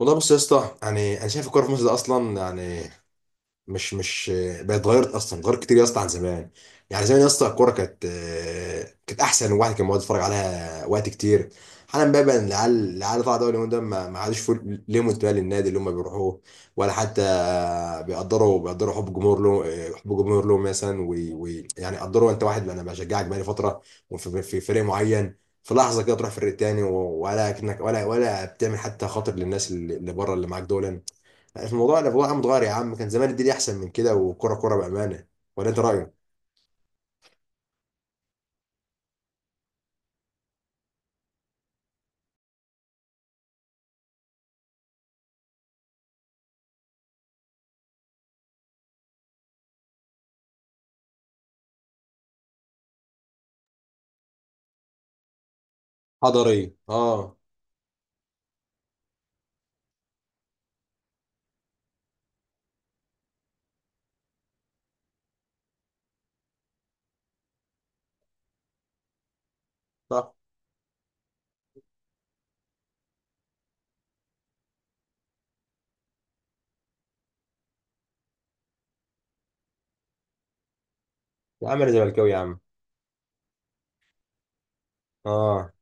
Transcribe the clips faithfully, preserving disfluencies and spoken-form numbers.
والله، بص يا اسطى، يعني انا شايف الكوره في مصر ده اصلا، يعني مش مش بقت، اتغيرت اصلا، اتغيرت كتير يا اسطى عن زمان. يعني زمان يا اسطى الكوره كانت آه، كانت احسن، الواحد كان بيقعد يتفرج عليها وقت كتير. حالا بقى بقى العيال العيال طالعه دوري اليومين دول، ما ما عادش فيه ليهم انتماء للنادي اللي هم بيروحوه، ولا حتى بيقدروا بيقدروا حب الجمهور له آه، حب الجمهور له مثلا، ويعني قدروا. انت واحد، انا بشجعك بقالي فتره وفي في فريق معين، في لحظه كده تروح فريق تاني، و- ولا كأنك ولا ولا بتعمل حتى خاطر للناس اللي اللي بره اللي معاك دول. الموضوع الموضوع عم اتغير يا عم، كان زمان الدنيا احسن من كده، وكرة كرة بأمانة. ولا انت رأيك؟ حضري، اه. صح. يا عم انا زملكاوي يا عم. اه.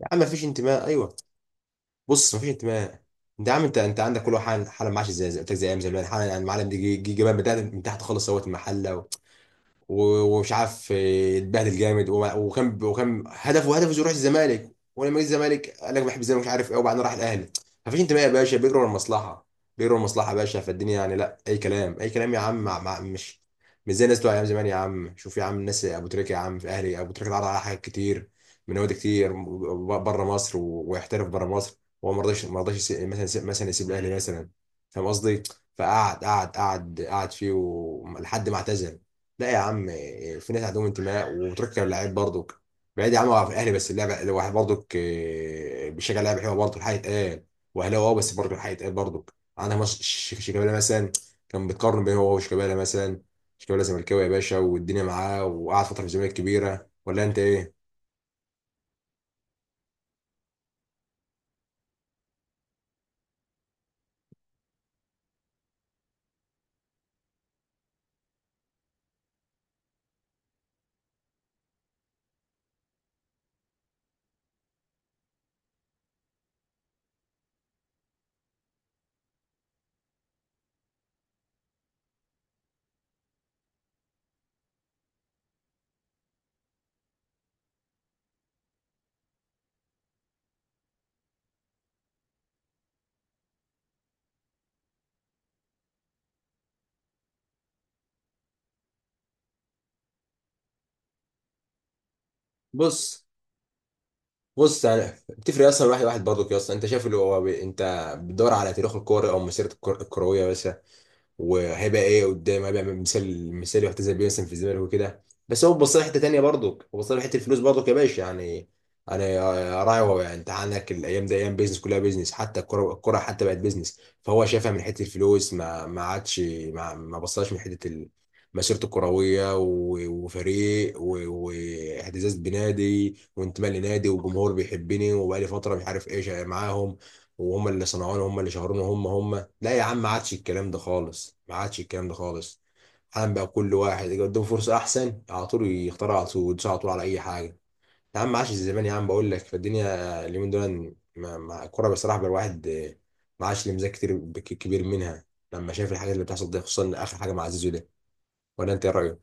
يا عم مفيش انتماء، ايوه. بص، مفيش انتماء. انت يا عم، انت انت عندك كل واحد حاله معاش، زي زي قلت لك، زي ايام زمان حاله. يعني المعلم دي جه جه جبان، من تحت من تحت خالص، سوت المحله، و- ومش عارف إيه، اتبهدل جامد، وما- وكان وكان هدفه هدفه يروح الزمالك، ولما جه الزمالك قال لك بحب الزمالك مش عارف ايه، وبعدين راح الاهلي. مفيش انتماء يا باشا، بيجروا ورا المصلحه، بيجروا ورا المصلحه يا باشا. فالدنيا يعني لا، اي كلام، اي كلام يا عم، مع مع مش مش زي الناس بتوع ايام زمان يا عم. شوف يا عم، الناس ابو تريكه يا عم، في اهلي ابو تريكه اتعرض على حاجات كتير من نوادي كتير بره مصر، و- ويحترف بره مصر، هو ما رضاش ما رضاش يسيب- مثلا مثلا يسيب الاهلي مثلا. فاهم قصدي؟ فقعد قعد قعد قعد فيه و- لحد ما اعتزل. لا يا عم، في ناس عندهم انتماء وتركب اللعيب برضك بعيد يا عم، هو في الاهلي بس اللعبه، لو واحد برضك آه، بيشجع لعيبه حلوه برضه، الحق يتقال، واهلاوي، اه بس برضه الحق يتقال برضك عندها، مش ش- شيكابالا مثلا كان بيتقارن بين هو وشيكابالا مثلا. شيكابالا زملكاوي يا باشا والدنيا معاه، وقعد فتره في الزمالك كبيره. ولا انت ايه؟ بص بص انا بتفرق اصلا، واحد واحد برضك يا اسطى، انت شايف اللي هو بي- انت بتدور على تاريخ الكوره او مسيرته الكر- الكرويه بس، وهيبقى ايه قدام، هيبقى مثال مثال يحتذى بيه مثلا في الزمالك وكده. بس هو بص لحته تانيه برضك، هو بص لحته الفلوس برضك يا باشا يعني. انا راعي هو يعني، انت عندك الايام دي ايام بيزنس، كلها بيزنس، حتى الكره الكره حتى بقت بيزنس، فهو شافها من حته الفلوس، ما ما عادش ما, ما بصاش من حته ال- مسيرته الكرويه، و- وفريق، و- واعتزاز بنادي، وانتماء لنادي، وجمهور بيحبني وبقالي فتره مش عارف ايش معاهم، وهم اللي صنعوني، هم اللي شهروني، هم هم. لا يا عم، ما عادش الكلام ده خالص، ما عادش الكلام ده خالص. حالا بقى كل واحد يجي قدامه فرصة أحسن، على طول يختار، على طول يدوس، على طول على أي حاجة. يا عم ما عادش زمان يا عم، بقول لك فالدنيا اليومين دول ما- ما- الكورة بصراحة بقى الواحد آه، ما عادش ليه مزاج كتير بك- كبير منها، لما شايف الحاجات اللي بتحصل دي، خصوصا آخر حاجة مع زيزو ده. ولا أنت إيه رأيك؟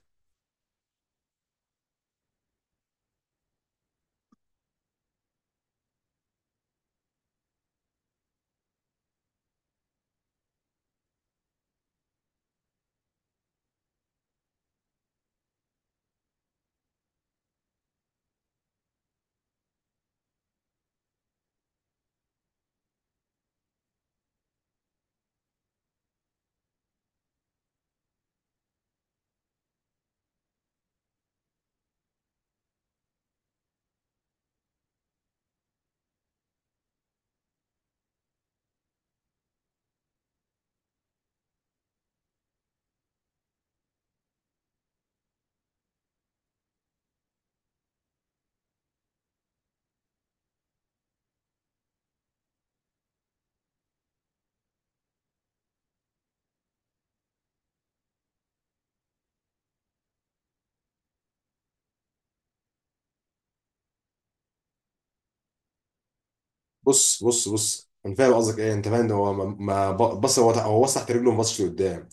بص بص بص انا فاهم قصدك ايه، انت فاهم، هو ما ما- بص، هو هو وسع رجله وما بصش لقدام.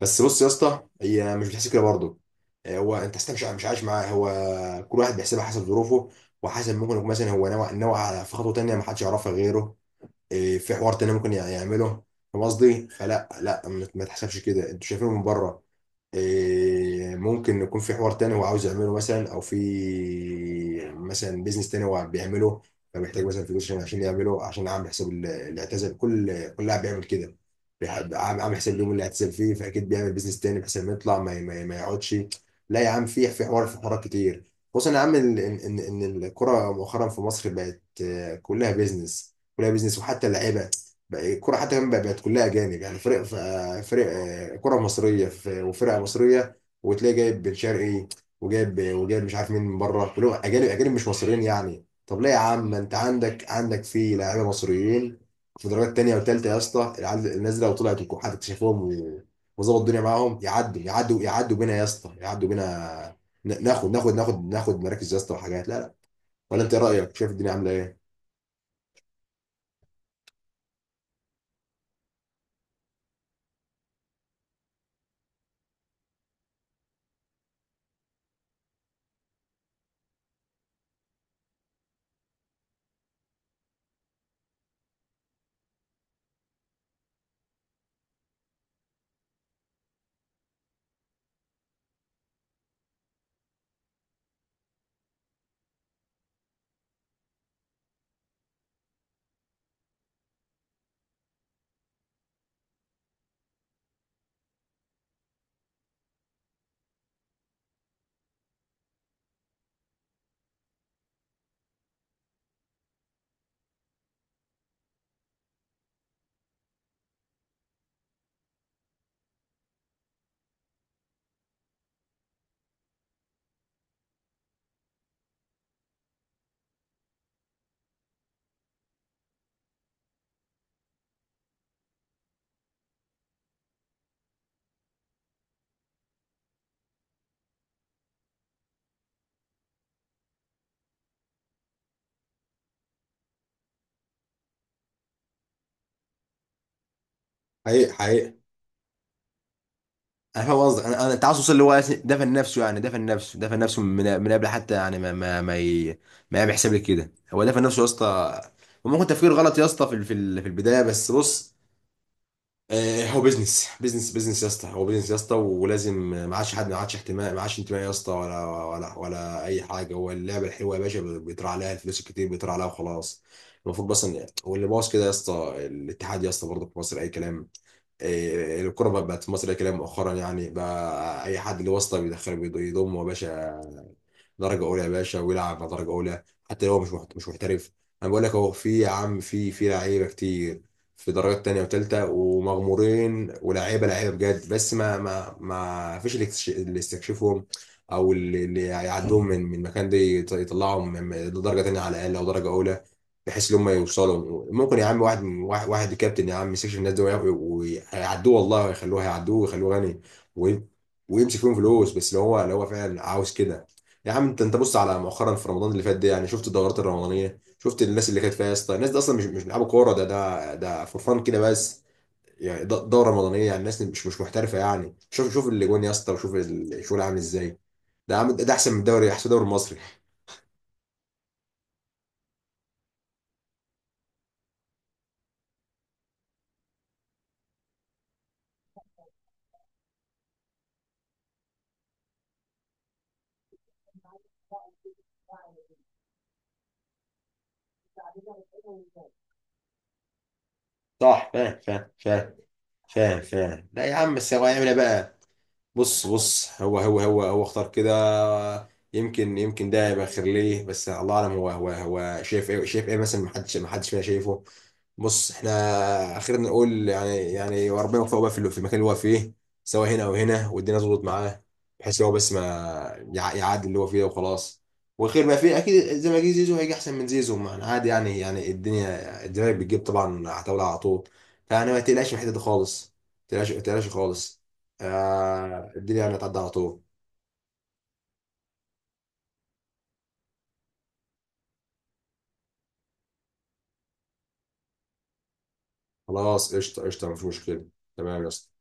بس بص يا اسطى، هي مش بتحسب كده برضه، آه، هو انت أصلاً مش مش عايش معاه هو، كل واحد بيحسبها حسب ظروفه، وحسب، ممكن يكون مثلا هو نوع نوع على، في خطوه تانيه ما حدش يعرفها غيره. إيه، في حوار تاني ممكن يع- يعمله. فاهم قصدي؟ فلا لا، ما ما تحسبش كده انتوا شايفينه من بره. إيه، ممكن يكون في حوار تاني هو عاوز يعمله، مثلا او في مثلا بيزنس تاني هو بيعمله، فمحتاج مثلا فلوس عشان عشان يعمله، عشان اعمل حساب ال- اللي اعتزل. كل كل لاعب بيعمل كده، بيحب- عامل عامل حساب اليوم اللي اعتزل فيه، فاكيد بيعمل بيزنس تاني بحيث لما يطلع ما, ي- ما, ي- ما يقعدش. لا يا عم، في في حوار في حوارات كتير، خصوصا يا عم ان ان إن الكرة مؤخرا في مصر بقت آه، كلها بيزنس، كلها بيزنس، وحتى اللعيبه بقى الكرة حتى كمان بقى- بقت كلها أجانب، يعني فرق ف- فرق آه، كرة مصرية، في- وفرقة مصرية، وتلاقي جايب بن شرقي، وجايب وجايب مش عارف مين من بره، كلهم أجانب، أجانب مش مصريين يعني. طب ليه يا عم، ما أنت عندك، عندك في لاعيبة مصريين في درجات تانية وتالتة يا اسطى، العيال- الناس دي لو طلعت وحد اكتشفهم و- وظبط الدنيا معاهم، يعدوا يعدوا يعدوا بينا يا اسطى، يعدوا بينا، ن- ناخد ناخد ناخد ناخد مراكز يا اسطى وحاجات، لا لا. ولا انت ايه رايك، شايف الدنيا عامله ايه؟ حقيقي. انا فاهم قصدك، انا انا- انت عاوز توصل اللي هو دفن نفسه، يعني دفن نفسه دفن نفسه من من قبل حتى، يعني ما ما ما ي... ما بيحسب لك كده، هو دفن نفسه يا اسطى، وممكن تفكير غلط يا اسطى في ال- في ال- في البدايه بس. بص آه، هو بيزنس بيزنس بيزنس يا اسطى، هو بيزنس يا اسطى ولازم، ما عادش حد، ما عادش احتماء، ما عادش انتماء يا اسطى، ولا ولا ولا اي حاجه. هو اللعبه الحلوه يا باشا بيطلع عليها، الفلوس الكتير بيطلع عليها وخلاص. المفروض بس ان، واللي باظ كده يا اسطى الاتحاد يا اسطى برضه، في مصر اي كلام. إيه، الكرة بقى- بقت في مصر كده مؤخرا يعني، بقى أي حد له واسطة بيدخله، بيض- يضمه يا باشا درجة أولى يا باشا ويلعب على درجة أولى، حتى لو هو مش محت- مش محترف. أنا بقول لك أهو، في يا عم في في لعيبة كتير في درجات تانية وتالتة ومغمورين، ولاعيبة لعيبة بجد، بس ما ما ما فيش اللي يكتش- اللي يستكشفهم، أو اللي اللي يعدوهم من من مكان ده، يط- يطلعهم من من درجة تانية على الأقل أو درجة أولى، بحيث ان هم يوصلوا. ممكن يا عم واحد من واحد, واحد كابتن يا عم، يمسكش الناس دول ويعدوه، والله ويخلوه، هيعدوه ويخلوه غني، وي- ويمسك فيهم فلوس، بس لو هو لو هو فعلا عاوز كده. يا عم، انت انت بص على مؤخرا، في رمضان اللي فات ده يعني، شفت الدورات الرمضانيه، شفت الناس اللي كانت فيها يا اسطى، الناس دي اصلا مش مش بيلعبوا كوره، ده ده ده فور فان كده بس، يعني د- دوره رمضانيه، يعني الناس مش مش محترفه، يعني شوف شوف اللي جون يا اسطى وشوف الشغل عامل ازاي، ده عامل، ده احسن من الدوري، احسن دوري مصري. صح. فاهم، فاهم، فاهم. فاهم، فاهم. لا يا عم، بس هو هيعمل ايه بقى؟ بص بص هو هو هو هو اختار كده، يمكن يمكن ده يبقى خير ليه، بس الله اعلم، هو هو هو شايف ايه شايف ايه مثلا، ما حدش ما حدش فينا شايفه. بص احنا خلينا نقول يعني، يعني وربنا يوفقه بقى في ال- في المكان اللي هو فيه، سواء هنا او هنا، والدنيا تظبط معاه، بحيث هو بس ما يع- يعدي اللي هو فيه وخلاص، وخير ما فيه اكيد. زي ما جه زيزو هيجي احسن من زيزو، ما أنا عادي يعني، يعني الدنيا الزمالك بتجيب طبعا عتاولة على طول، فيعني ما تقلقش من الحته دي خالص، ما تقلقش، ما تقلقش خالص. آه، الدنيا يعني هتعدي على طول. خلاص، قشطه، قشطه، مفيش مشكله. تمام يا اسطى.